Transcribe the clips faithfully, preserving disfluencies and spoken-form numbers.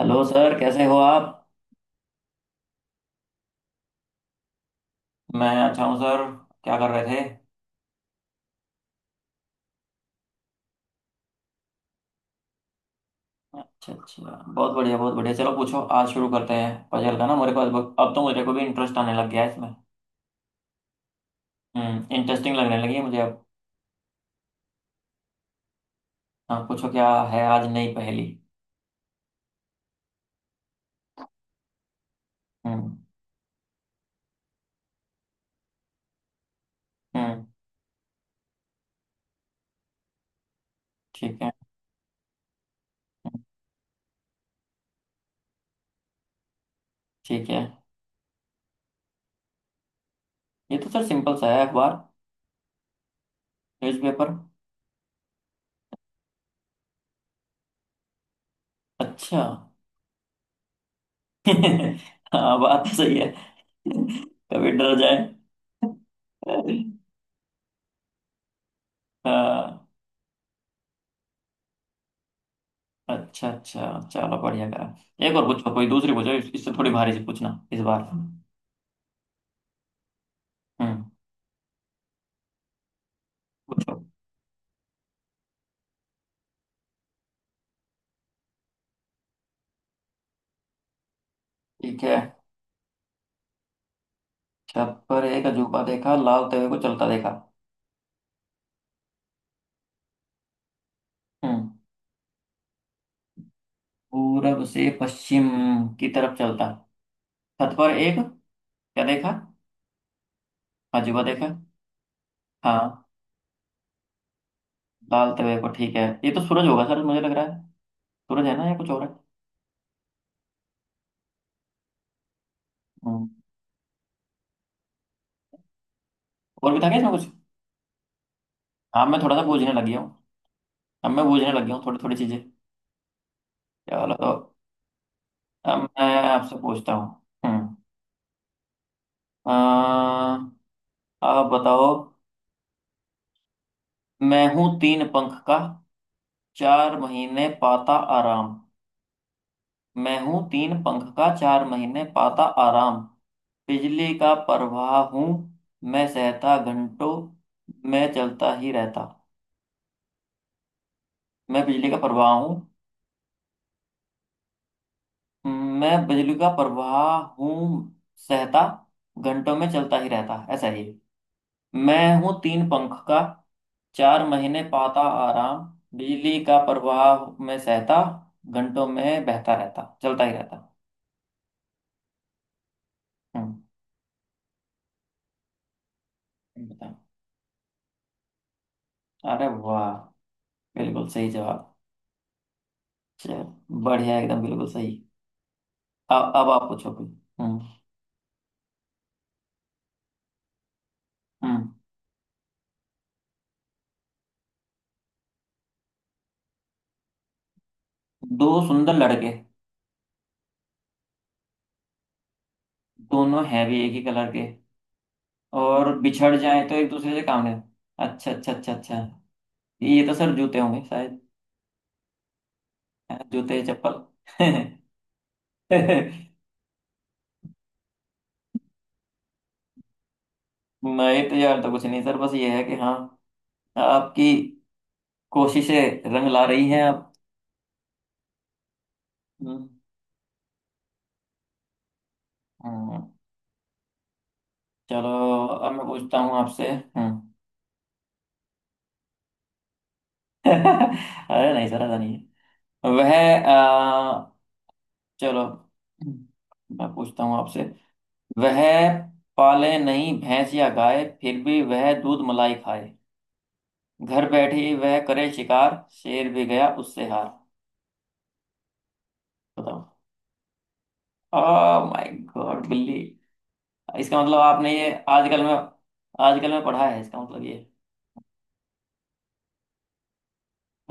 Hello sir, कैसे हो आप? मैं अच्छा हूँ सर। क्या कर रहे थे? अच्छा, अच्छा। बहुत बढ़िया, बहुत बढ़िया। चलो पूछो, आज शुरू करते हैं पजल का ना। मेरे को अब अब तो मेरे को भी इंटरेस्ट आने लग गया है इसमें। हम्म इंटरेस्टिंग लगने लगी है मुझे अब। हाँ पूछो, क्या है आज नई पहेली? हम्म। हम्म। ठीक है। ठीक है। ये तो सर सिंपल सा है, अखबार, न्यूज़पेपर। अच्छा। हाँ, बात तो सही है। कभी डर जाए। हाँ। अच्छा, अच्छा, चलो बढ़िया करा। एक और पूछो, कोई दूसरी पूछो, इस- इससे थोड़ी भारी सी पूछना इस बार। हम्म पूछो। ठीक है। छत पर एक अजूबा देखा, लालते हुए को चलता देखा। हम्म पूरब से पश्चिम की तरफ चलता। छत पर एक क्या देखा? अजूबा देखा। हाँ। लालते हुए को, ठीक है, ये तो सूरज होगा सर, मुझे लग रहा है। सूरज है ना, या कुछ और है? हम्म और भी था क्या इसमें कुछ? हाँ, मैं थोड़ा सा बूझने लग गया हूँ। अब मैं बूझने लग गया हूँ थोड़ी थोड़ी चीजें। चलो तो। अब मैं आपसे पूछता हूँ। हम्म। आप बताओ। मैं हूं तीन पंख का, चार महीने पाता आराम। मैं हूं तीन पंख का, चार महीने पाता आराम। बिजली का प्रवाह हूं, मैं सहता घंटों, मैं चलता ही रहता। मैं बिजली का प्रवाह हूं, मैं बिजली का प्रवाह हूं, सहता घंटों में चलता ही रहता, ऐसा ही। मैं हूँ तीन पंख का, चार महीने पाता आराम। बिजली का प्रवाह में सहता, घंटों में बहता रहता, चलता ही रहता। हम्म। बताओ। अरे वाह, बिल्कुल सही जवाब। चल बढ़िया, एकदम बिल्कुल सही। अब अब आप पूछो कोई। हम्म। हम्म। दो सुंदर लड़के, दोनों हैं भी एक ही कलर के, और बिछड़ जाएं तो एक दूसरे से काम नहीं। अच्छा, अच्छा, अच्छा, अच्छा। ये तो सर जूते होंगे शायद। हाँ, जूते चप्पल। मैं तो यार तो कुछ नहीं सर, बस ये है कि हाँ। आपकी कोशिशें रंग ला रही हैं आप। हम्म। हम्म, चलो। अब मैं पूछता हूँ आपसे। हम्म। अरे नहीं सर, ऐसा नहीं है। वह अ, चलो, मैं पूछता हूँ आपसे। वह पाले नहीं भैंस या गाय, फिर भी वह दूध मलाई खाए। घर बैठी वह करे शिकार, शेर भी गया उससे हार। बताओ। ओह माय गॉड, बिल्ली। इसका मतलब आपने ये आजकल में, आजकल में पढ़ा है, इसका मतलब ये।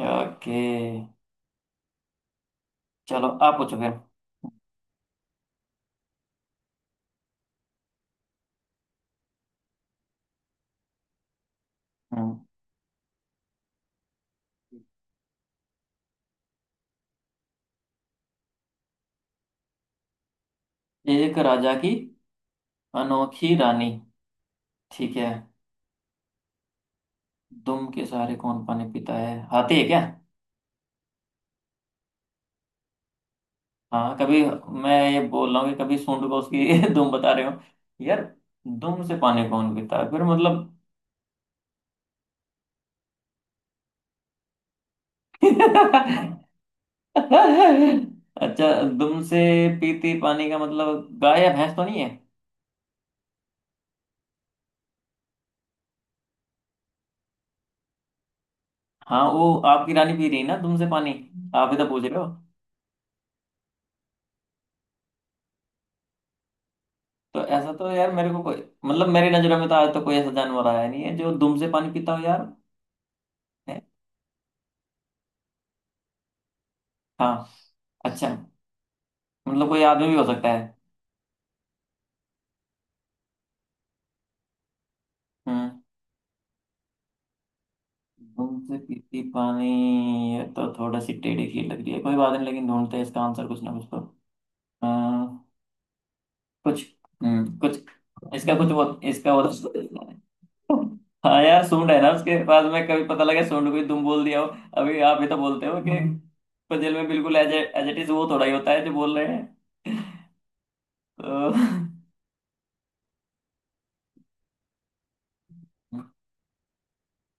ओके। चलो आप पूछो फिर। हम्म। एक राजा की अनोखी रानी। ठीक है। दुम के सहारे कौन पानी पीता है? हाथी है क्या? हाँ, कभी। मैं ये बोल रहा हूँ कि कभी सूंड को उसकी दुम बता रहे हो। यार, दुम से पानी कौन पीता है फिर मतलब? अच्छा। दुम से पीती पानी का मतलब गाय या भैंस तो नहीं है? हाँ, वो आपकी रानी पी रही है ना तुमसे पानी। आप ही तो पूछ रहे हो। तो ऐसा तो यार मेरे को कोई। मतलब मेरी नजरों में तो आज तो कोई ऐसा जानवर आया नहीं है जो दुम से पानी पीता हो यार। है? हाँ। अच्छा। मतलब कोई आदमी भी हो सकता है? हम्म। दुम से पीती पानी। ये तो थोड़ा सी टेढ़ी खीर लग रही है, कोई बात नहीं, लेकिन ढूंढते हैं इसका आंसर कुछ ना कुछ तो। अम, कुछ, हम्म कुछ, इसका कुछ वो, इसका वो तो- हाँ यार सूंड है ना उसके पास में, कभी पता लगे सूंड कोई दुम बोल दिया हो। अभी आप ही तो बोलते हो कि पजल में बिल्कुल एज एज इट इज वो थोड़ा ही होता है जो बोल रहे हैं तो।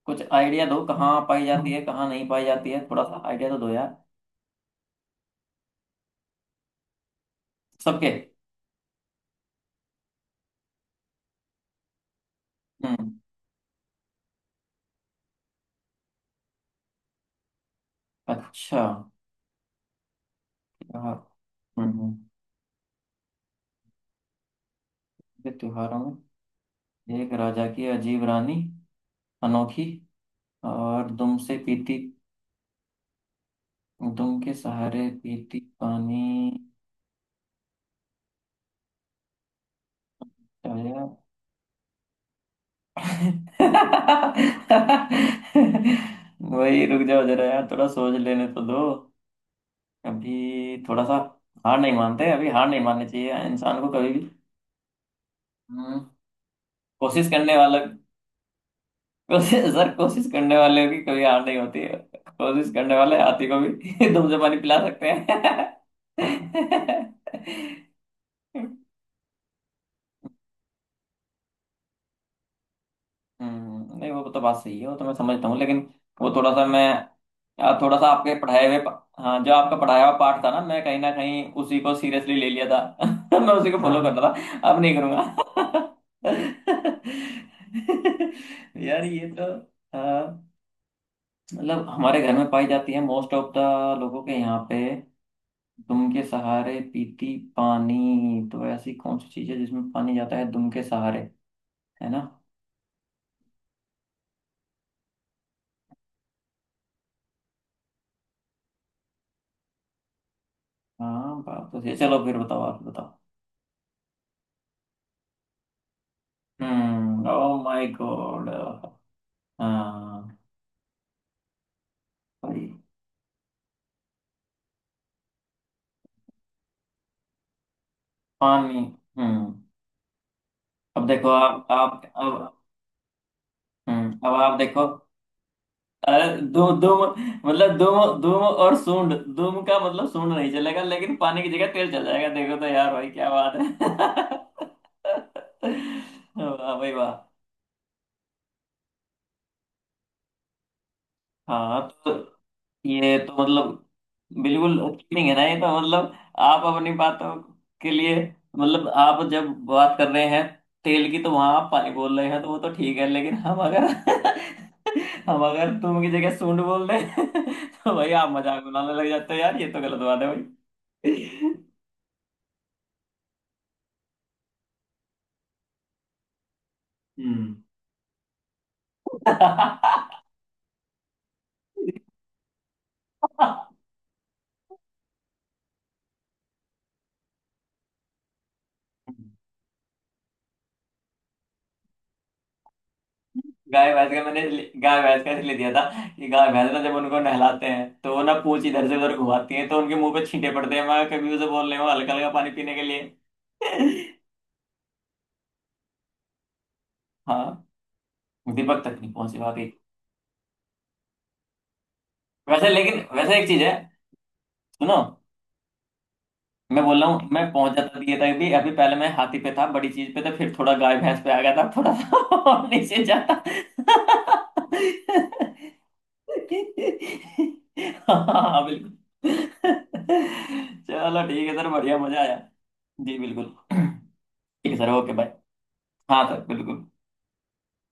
कुछ आइडिया दो, कहाँ पाई जाती है कहाँ नहीं पाई जाती है, थोड़ा सा आइडिया तो दो यार। सबके। हम्म। अच्छा। त्योहार। हम्म। हम्म। ये त्योहारों में एक राजा की अजीब रानी, अनोखी, और दुम से पीती। दुम के सहारे पीती पानी। आया। वही, रुक जाओ जरा यार, थोड़ा सोच लेने तो दो। अभी थोड़ा सा। हार नहीं मानते, अभी हार नहीं माननी चाहिए इंसान को कभी भी। हम्म। कोशिश करने वाला। कोशिश सर, कोशिश करने वाले की कभी हार नहीं होती है। कोशिश करने वाले हाथी को भी दूध से पानी पिला सकते हैं। हम्म, नहीं वो तो बात सही है, वो तो मैं समझता हूँ लेकिन वो थोड़ा सा मैं। यार थोड़ा सा आपके पढ़ाए हुए पा- हाँ, जो आपका पढ़ाया हुआ पार्ट था ना, मैं कहीं ना कहीं उसी को सीरियसली ले लिया था। मैं उसी को फॉलो हाँ कर रहा था, अब नहीं करूंगा। यार ये तो। अ, मतलब हमारे घर में पाई जाती है, मोस्ट ऑफ द लोगों के यहाँ पे। दुम के सहारे पीती पानी, तो ऐसी कौन सी चीज है जिसमें पानी जाता है दुम के सहारे? है ना? हाँ बात तो सही है। चलो फिर बताओ, आप बताओ। हम्म ओ माय गॉड। हाँ। पानी। हम्म। अब देखो आप आप अब। हम्म। अब आप देखो। अरे, दुम दुम। मतलब दुम दुम और सूंड, दुम का मतलब सूंड नहीं चलेगा लेकिन पानी की जगह तेल चल जाएगा, देखो तो यार भाई क्या बात है। वाह भाई वाह। हाँ तो, ये तो मतलब, बिल्कुल चीटिंग है ना ये तो मतलब। आप अपनी बातों के लिए मतलब, आप जब बात कर रहे हैं तेल की तो वहां आप पानी बोल रहे हैं, तो वो तो ठीक है लेकिन हम अगर हम अगर तुम की जगह सूंड बोल रहे हैं, तो भाई आप मजाक बनाने लग जाते हो यार, ये तो गलत बात है। हम्म भाई। हम्म। गाय भैंस का मैंने ले- गाय भैंस का इसलिए दिया था कि गाय भैंस ना जब उनको नहलाते हैं तो वो ना पूंछ इधर से उधर घुमाती है, तो उनके मुंह पे छींटे पड़ते हैं, मैं कभी उसे बोल रही हूँ हल्का हल्का पानी पीने के लिए। हाँ। दीपक तक नहीं पहुंची बाकी। वैसे लेकिन वैसे एक चीज है, सुनो। मैं बोल रहा हूँ मैं पहुंच जाता दिए तक भी, अभी पहले मैं हाथी पे था, बड़ी चीज पे था, फिर थोड़ा गाय भैंस पे आ गया था, थोड़ा सा और नीचे जाता। हाँ बिल्कुल। चलो ठीक है सर, बढ़िया मजा आया। जी बिल्कुल ठीक है सर, ओके बाय। हाँ सर बिल्कुल।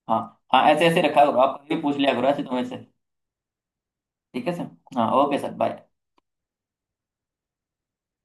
हाँ। हाँ, ऐसे ऐसे रखा करो आप, कभी पूछ लिया करो ऐसे तुम्हें से। ठीक है सर। हाँ ओके सर, बाय।